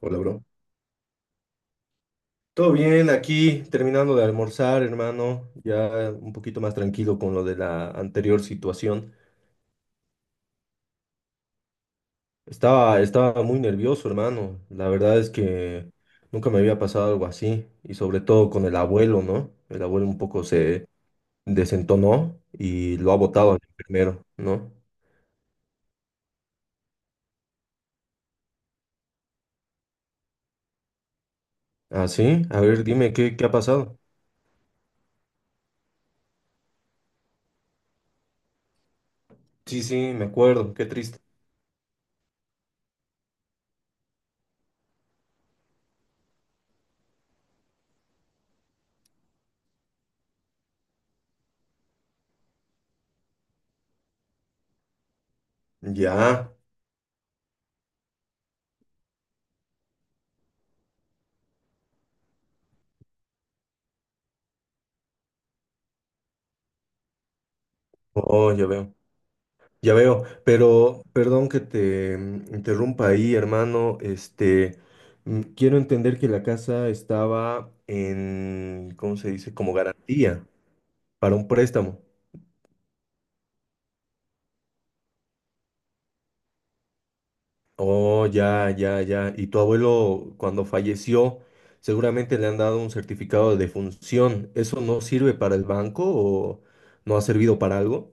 Hola, bro. Todo bien, aquí terminando de almorzar, hermano, ya un poquito más tranquilo con lo de la anterior situación. Estaba muy nervioso, hermano. La verdad es que nunca me había pasado algo así, y sobre todo con el abuelo, ¿no? El abuelo un poco se desentonó y lo ha botado al enfermero, ¿no? Ah, sí, a ver, dime, ¿qué ha pasado? Sí, sí, me acuerdo, qué triste. Ya, oh, ya veo. Ya veo, pero perdón que te interrumpa ahí, hermano. Este, quiero entender que la casa estaba en, ¿cómo se dice? Como garantía para un préstamo. Oh, ya, ya, ya. Y tu abuelo, cuando falleció, seguramente le han dado un certificado de defunción. ¿Eso no sirve para el banco o no ha servido para algo?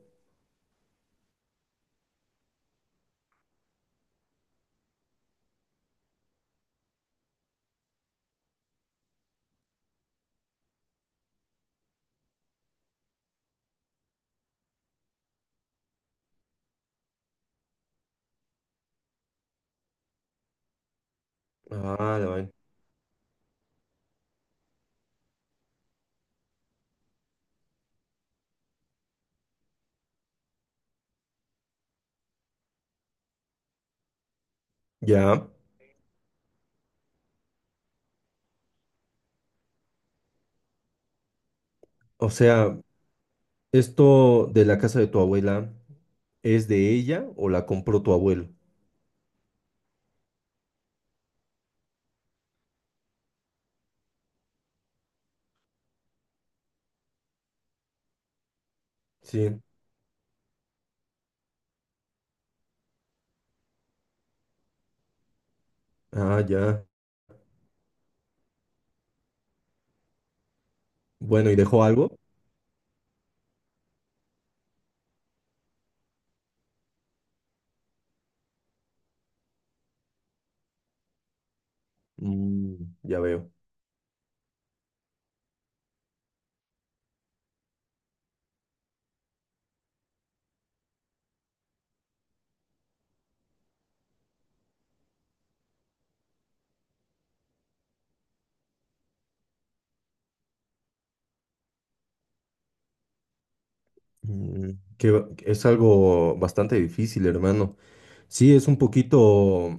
Ah, la vaina. Ya. O sea, ¿esto de la casa de tu abuela es de ella o la compró tu abuelo? Sí. Ah, ya. Bueno, ¿y dejó algo? Mm, ya veo. Mm, es algo bastante difícil, hermano. Sí, es un poquito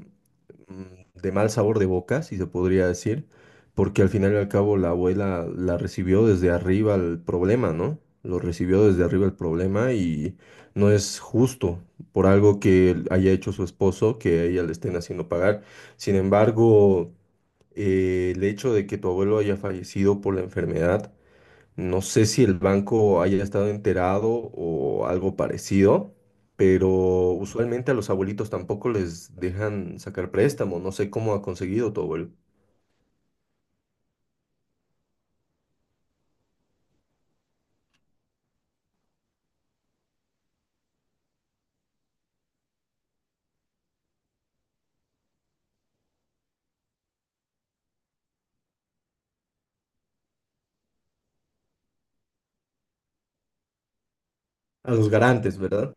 de mal sabor de boca, si se podría decir, porque al final y al cabo la abuela la recibió desde arriba el problema, ¿no? Lo recibió desde arriba el problema y no es justo por algo que él haya hecho su esposo que a ella le estén haciendo pagar. Sin embargo, el hecho de que tu abuelo haya fallecido por la enfermedad no sé si el banco haya estado enterado o algo parecido, pero usualmente a los abuelitos tampoco les dejan sacar préstamo. No sé cómo ha conseguido tu abuelo. A los garantes, ¿verdad?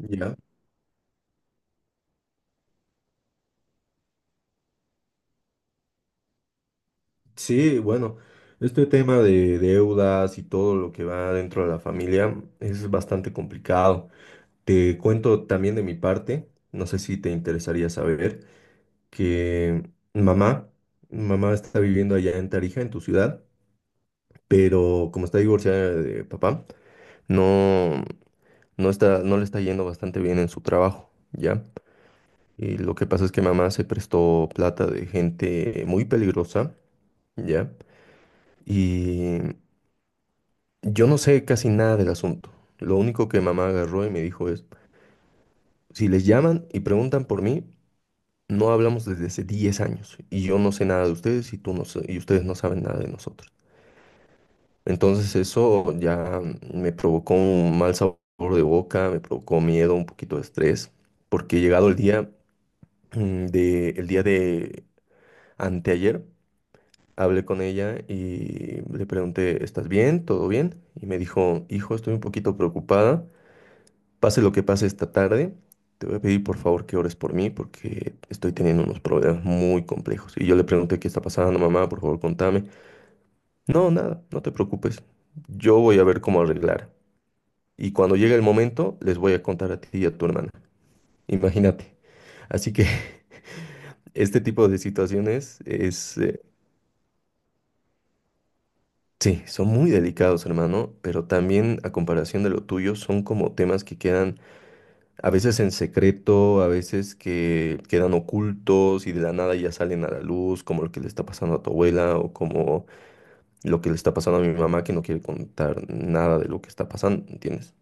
Ya. Sí, bueno, este tema de deudas y todo lo que va dentro de la familia es bastante complicado. Te cuento también de mi parte, no sé si te interesaría saber, que mamá está viviendo allá en Tarija, en tu ciudad. Pero como está divorciada de papá, no, no está, no le está yendo bastante bien en su trabajo, ¿ya? Y lo que pasa es que mamá se prestó plata de gente muy peligrosa, ¿ya? Y yo no sé casi nada del asunto. Lo único que mamá agarró y me dijo es, si les llaman y preguntan por mí, no hablamos desde hace 10 años y yo no sé nada de ustedes y tú no sa- y ustedes no saben nada de nosotros. Entonces eso ya me provocó un mal sabor de boca, me provocó miedo, un poquito de estrés, porque llegado el día el día de anteayer, hablé con ella y le pregunté, ¿estás bien? ¿Todo bien? Y me dijo, hijo, estoy un poquito preocupada, pase lo que pase esta tarde, te voy a pedir por favor que ores por mí porque estoy teniendo unos problemas muy complejos. Y yo le pregunté, ¿qué está pasando, mamá? Por favor, contame. No, nada, no te preocupes. Yo voy a ver cómo arreglar. Y cuando llegue el momento, les voy a contar a ti y a tu hermana. Imagínate. Así que este tipo de situaciones es, sí, son muy delicados, hermano, pero también a comparación de lo tuyo, son como temas que quedan a veces en secreto, a veces que quedan ocultos y de la nada ya salen a la luz, como lo que le está pasando a tu abuela o como lo que le está pasando a mi mamá que no quiere contar nada de lo que está pasando, ¿entiendes?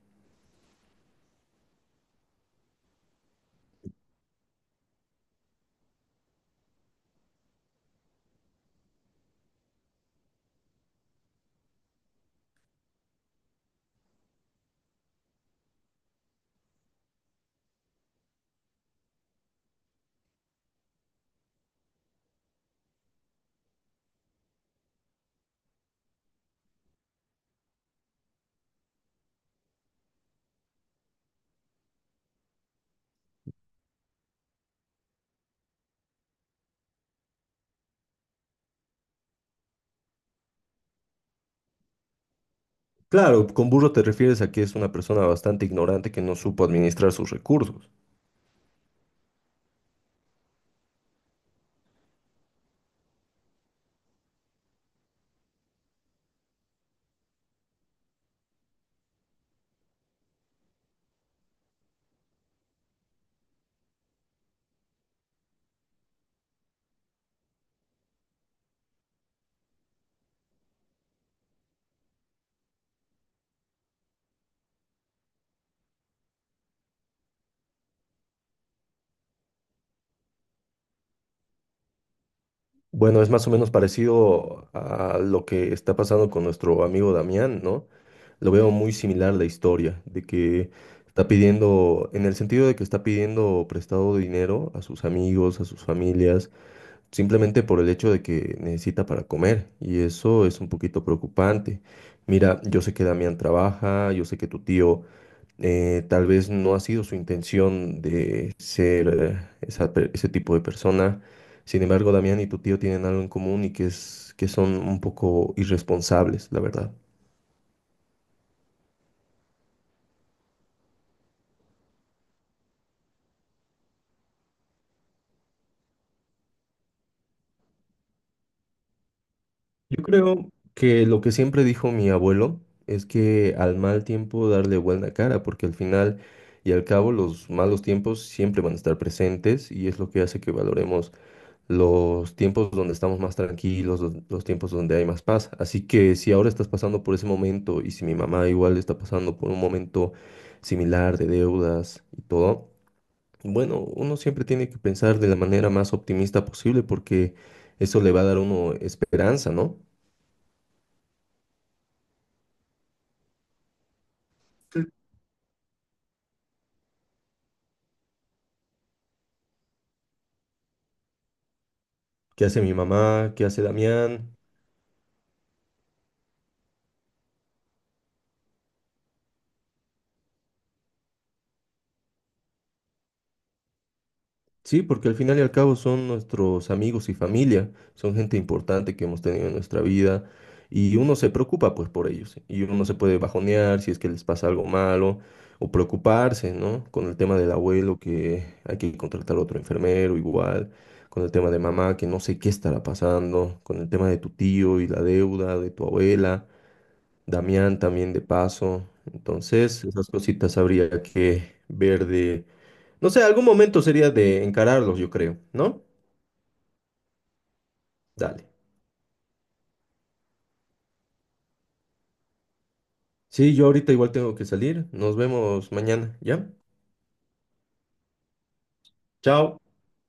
Claro, con burro te refieres a que es una persona bastante ignorante que no supo administrar sus recursos. Bueno, es más o menos parecido a lo que está pasando con nuestro amigo Damián, ¿no? Lo veo muy similar la historia, de que está pidiendo, en el sentido de que está pidiendo prestado dinero a sus amigos, a sus familias, simplemente por el hecho de que necesita para comer. Y eso es un poquito preocupante. Mira, yo sé que Damián trabaja, yo sé que tu tío tal vez no ha sido su intención de ser ese tipo de persona. Sin embargo, Damián y tu tío tienen algo en común y que es que son un poco irresponsables, la verdad. Yo creo que lo que siempre dijo mi abuelo es que al mal tiempo darle buena cara, porque al final y al cabo los malos tiempos siempre van a estar presentes y es lo que hace que valoremos los tiempos donde estamos más tranquilos, los tiempos donde hay más paz. Así que si ahora estás pasando por ese momento y si mi mamá igual está pasando por un momento similar de deudas y todo, bueno, uno siempre tiene que pensar de la manera más optimista posible porque eso le va a dar a uno esperanza, ¿no? ¿Qué hace mi mamá? ¿Qué hace Damián? Sí, porque al final y al cabo son nuestros amigos y familia, son gente importante que hemos tenido en nuestra vida y uno se preocupa pues por ellos y uno se puede bajonear si es que les pasa algo malo o preocuparse, ¿no? Con el tema del abuelo que hay que contratar otro enfermero igual, con el tema de mamá que no sé qué estará pasando, con el tema de tu tío y la deuda de tu abuela, Damián también de paso. Entonces, esas cositas habría que ver de no sé, algún momento sería de encararlos, yo creo, ¿no? Dale. Sí, yo ahorita igual tengo que salir. Nos vemos mañana, ¿ya? Chao.